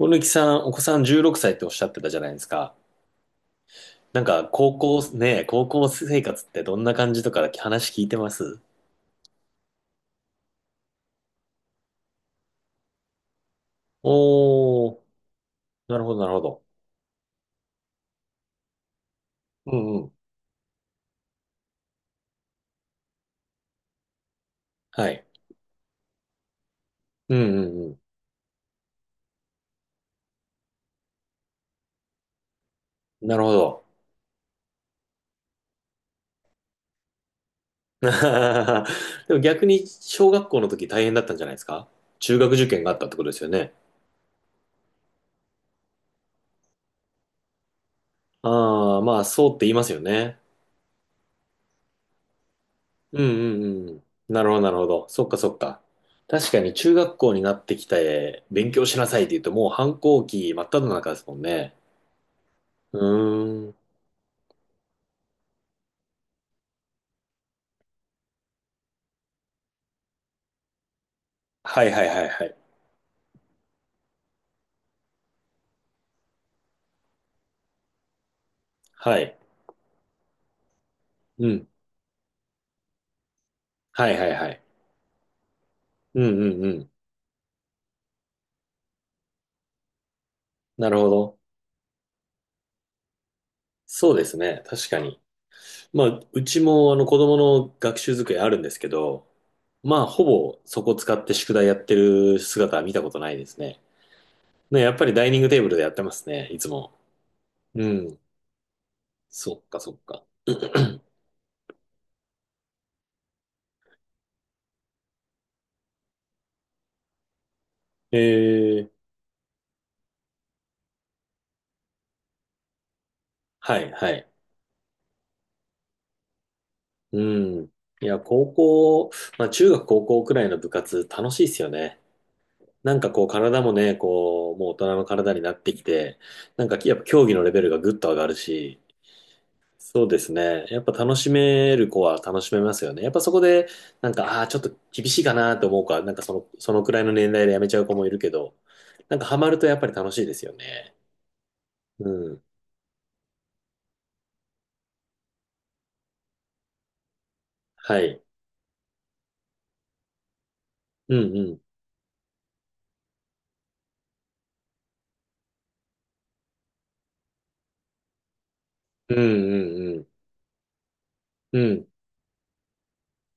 小貫さん、お子さん16歳っておっしゃってたじゃないですか。高校、ねえ、高校生活ってどんな感じとか話聞いてますおー、なるほど、なるほど。うんうん。はい。うんうんうん。なるほど。でも逆に、小学校の時大変だったんじゃないですか？中学受験があったってことですよね。ああ、まあ、そうって言いますよね。うんうんうん。なるほど、なるほど。そっかそっか。確かに中学校になってきて勉強しなさいって言うともう反抗期真っ只中ですもんね。うーん。はいはいはいはい。はい。うん。はいはいはい。うんうんうん。なるほど。そうですね。確かに。まあ、うちも子供の学習机あるんですけど、まあ、ほぼそこ使って宿題やってる姿は見たことないですね。ね、やっぱりダイニングテーブルでやってますね、いつも。うん。そっかそっか。ええ、はいはい。うん。いや、高校、まあ中学高校くらいの部活楽しいですよね。こう体もね、こう、もう大人の体になってきて、やっぱ競技のレベルがぐっと上がるし、そうですね。やっぱ楽しめる子は楽しめますよね。やっぱそこで、ああー、ちょっと厳しいかなと思うか、その、そのくらいの年代でやめちゃう子もいるけど、ハマるとやっぱり楽しいですよね。うん。はい。うんうん。うんうんうん。うん。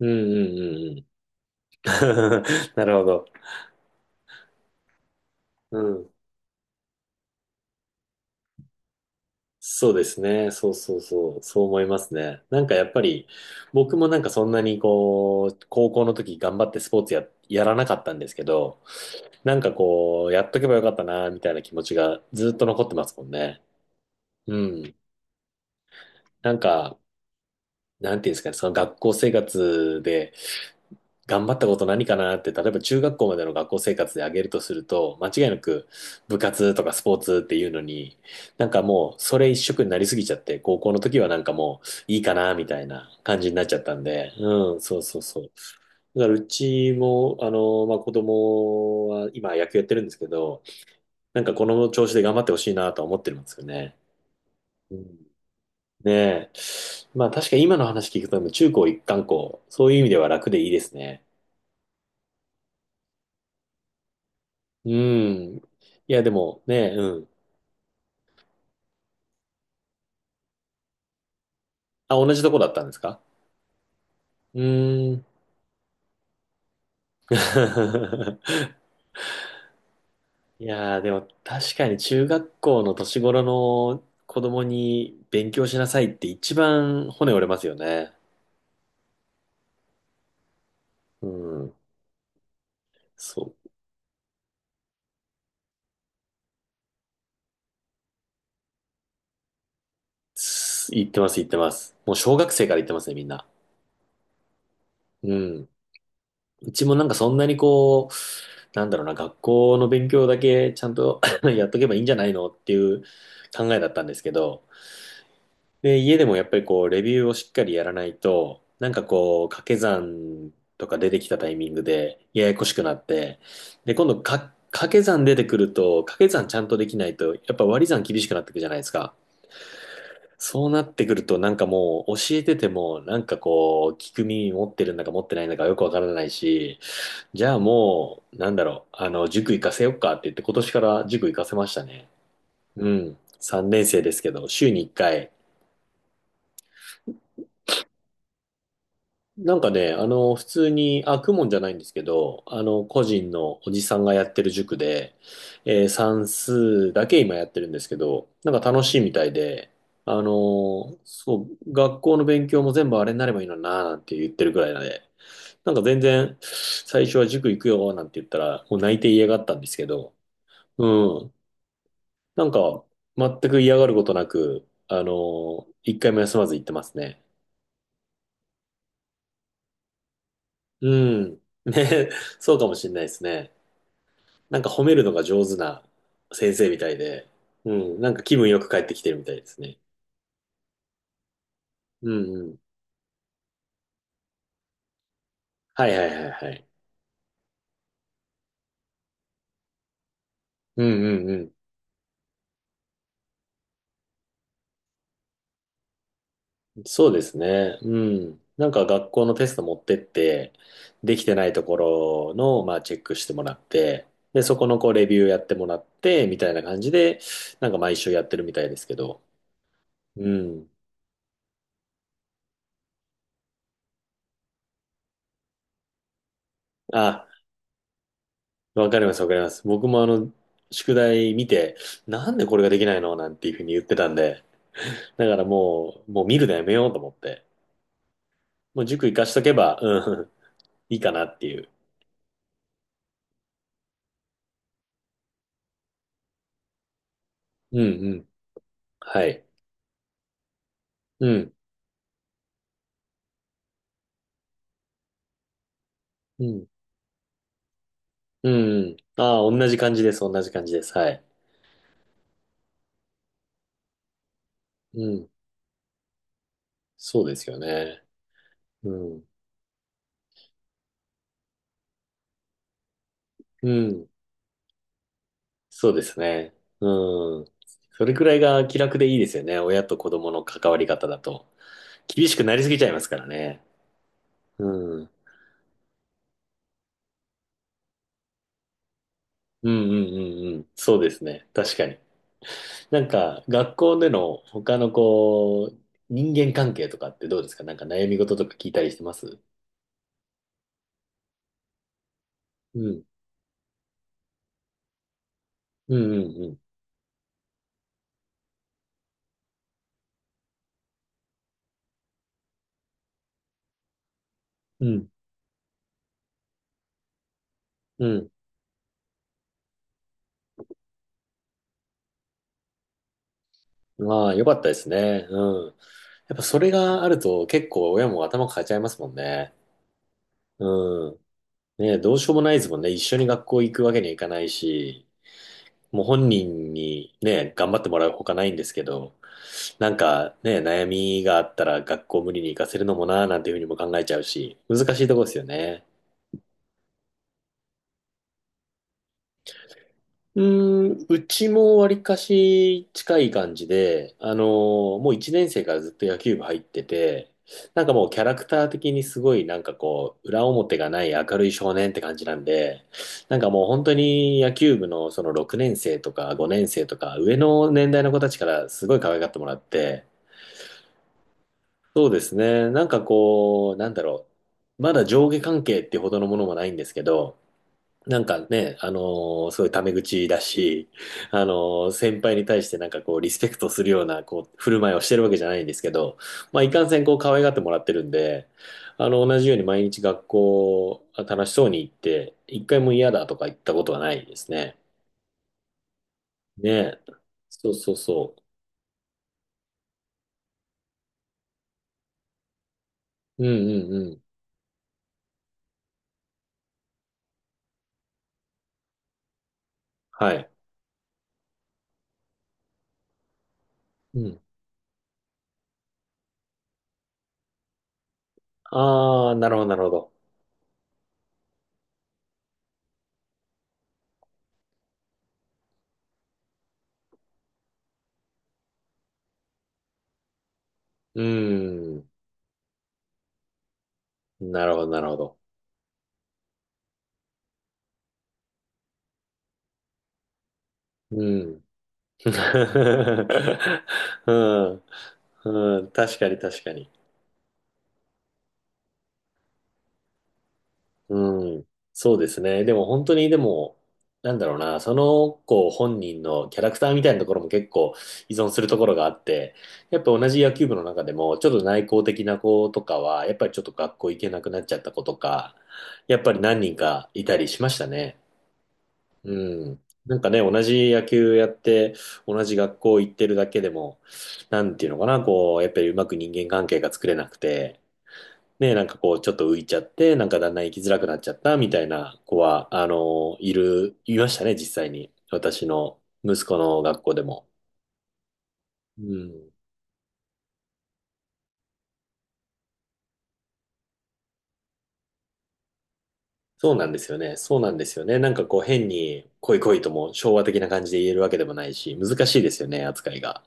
うんうんうんうん。なるほど。うん。そうですね。そうそうそう。そう思いますね。やっぱり、僕もそんなにこう、高校の時頑張ってスポーツや、やらなかったんですけど、こう、やっとけばよかったな、みたいな気持ちがずっと残ってますもんね。うん。なんか、なんていうんですかね、その学校生活で、頑張ったこと何かなって、例えば中学校までの学校生活で挙げるとすると、間違いなく部活とかスポーツっていうのに、もうそれ一色になりすぎちゃって、高校の時はもういいかなみたいな感じになっちゃったんで、うん、そうそうそう。だからうちも、まあ、子供は今野球やってるんですけど、なんかこの調子で頑張ってほしいなとは思ってるんですよね。うん、ねえ。まあ確かに今の話聞くと、中高一貫校、そういう意味では楽でいいですね。うん。いや、でもね、うん。あ、同じとこだったんですか？うーん。いやー、でも確かに中学校の年頃の子供に勉強しなさいって一番骨折れますよね。うん。そう。す言ってます、言ってます。もう小学生から言ってますね、みんな。うん。うちもそんなにこう、なんだろうな、学校の勉強だけちゃんと やっとけばいいんじゃないのっていう考えだったんですけど、で、家でもやっぱりこう、レビューをしっかりやらないと、こう、掛け算とか出てきたタイミングでややこしくなって、で、今度か、掛け算出てくると、掛け算ちゃんとできないと、やっぱ割り算厳しくなってくじゃないですか。そうなってくると、もう、教えてても、こう、聞く耳持ってるんだか持ってないんだかよくわからないし、じゃあもう、なんだろう、塾行かせよっかって言って、今年から塾行かせましたね。うん。3年生ですけど、週に1回、普通に、あ、公文じゃないんですけど、個人のおじさんがやってる塾で、えー算数だけ今やってるんですけど、なんか楽しいみたいで、そう、学校の勉強も全部あれになればいいのにな、なんて言ってるぐらいなんで、なんか全然、最初は塾行くよ、なんて言ったら、もう泣いて嫌がったんですけど、うん、なんか、全く嫌がることなく、一回も休まず行ってますね。うん、ね、そうかもしれないですね。なんか褒めるのが上手な先生みたいで、うん、なんか気分よく帰ってきてるみたいですね。うんうん。はいはいはいはい。うんうんうん。そうですね。うん。なんか学校のテスト持ってって、できてないところの、まあ、チェックしてもらって、で、そこのこうレビューやってもらって、みたいな感じで、なんか毎週やってるみたいですけど。うん。あ、わかります、わかります。僕も宿題見て、なんでこれができないのなんていうふうに言ってたんで、だからもう見るのやめようと思って。もう塾行かしとけば、うん、いいかなっていう。うんうん。はい。うん。うん。うんうんうん、ああ、同じ感じです、同じ感じです。はい。うん。そうですよね。うん。うん。そうですね。うん。それくらいが気楽でいいですよね、親と子供の関わり方だと。厳しくなりすぎちゃいますからね。うん。うんうんうんうん。そうですね。確かに。学校での他のこう、人間関係とかってどうですか？なんか悩み事とか聞いたりしてますうん。うんうんうん。うん。うん。まあ、よかったですね。うん。やっぱそれがあると結構親も頭抱えちゃいますもんね。うん。ね、えどうしようもないですもんね。一緒に学校行くわけにはいかないし、もう本人にね、頑張ってもらうほかないんですけど、なんかね、悩みがあったら学校無理に行かせるのもなーなんていうふうにも考えちゃうし、難しいとこですよね。うーん、うちもわりかし近い感じで、あのーもう1年生からずっと野球部入ってて、なんかもうキャラクター的にすごいなんかこう、裏表がない明るい少年って感じなんで、なんかもう本当に野球部のその6年生とか5年生とか上の年代の子たちからすごい可愛がってもらって、そうですね、なんかこう、なんだろう、まだ上下関係ってほどのものもないんですけど、なんかね、あのーすごいタメ口だし、あのー先輩に対してなんかこう、リスペクトするような、こう、振る舞いをしてるわけじゃないんですけど、まあ、いかんせんこう、可愛がってもらってるんで、同じように毎日学校、楽しそうに行って、一回も嫌だとか言ったことはないですね。ね。そうそうそう。うんうんうん。はい。うん。ああ、なるほど、なるほど。うん。なるほど、なるほど。うん。うん。うん。確かに確かに。うん。そうですね。でも本当に、でも、なんだろうな、その子本人のキャラクターみたいなところも結構依存するところがあって、やっぱ同じ野球部の中でも、ちょっと内向的な子とかは、やっぱりちょっと学校行けなくなっちゃった子とか、やっぱり何人かいたりしましたね。うん。なんかね、同じ野球やって、同じ学校行ってるだけでも、なんていうのかな、こう、やっぱりうまく人間関係が作れなくて、ね、なんかこう、ちょっと浮いちゃって、なんかだんだん生きづらくなっちゃったみたいな子は、いましたね、実際に。私の息子の学校でも。うん。そうなんですよね。そうなんですよね。なんかこう、変に、来い来いとも昭和的な感じで言えるわけでもないし、難しいですよね、扱いが。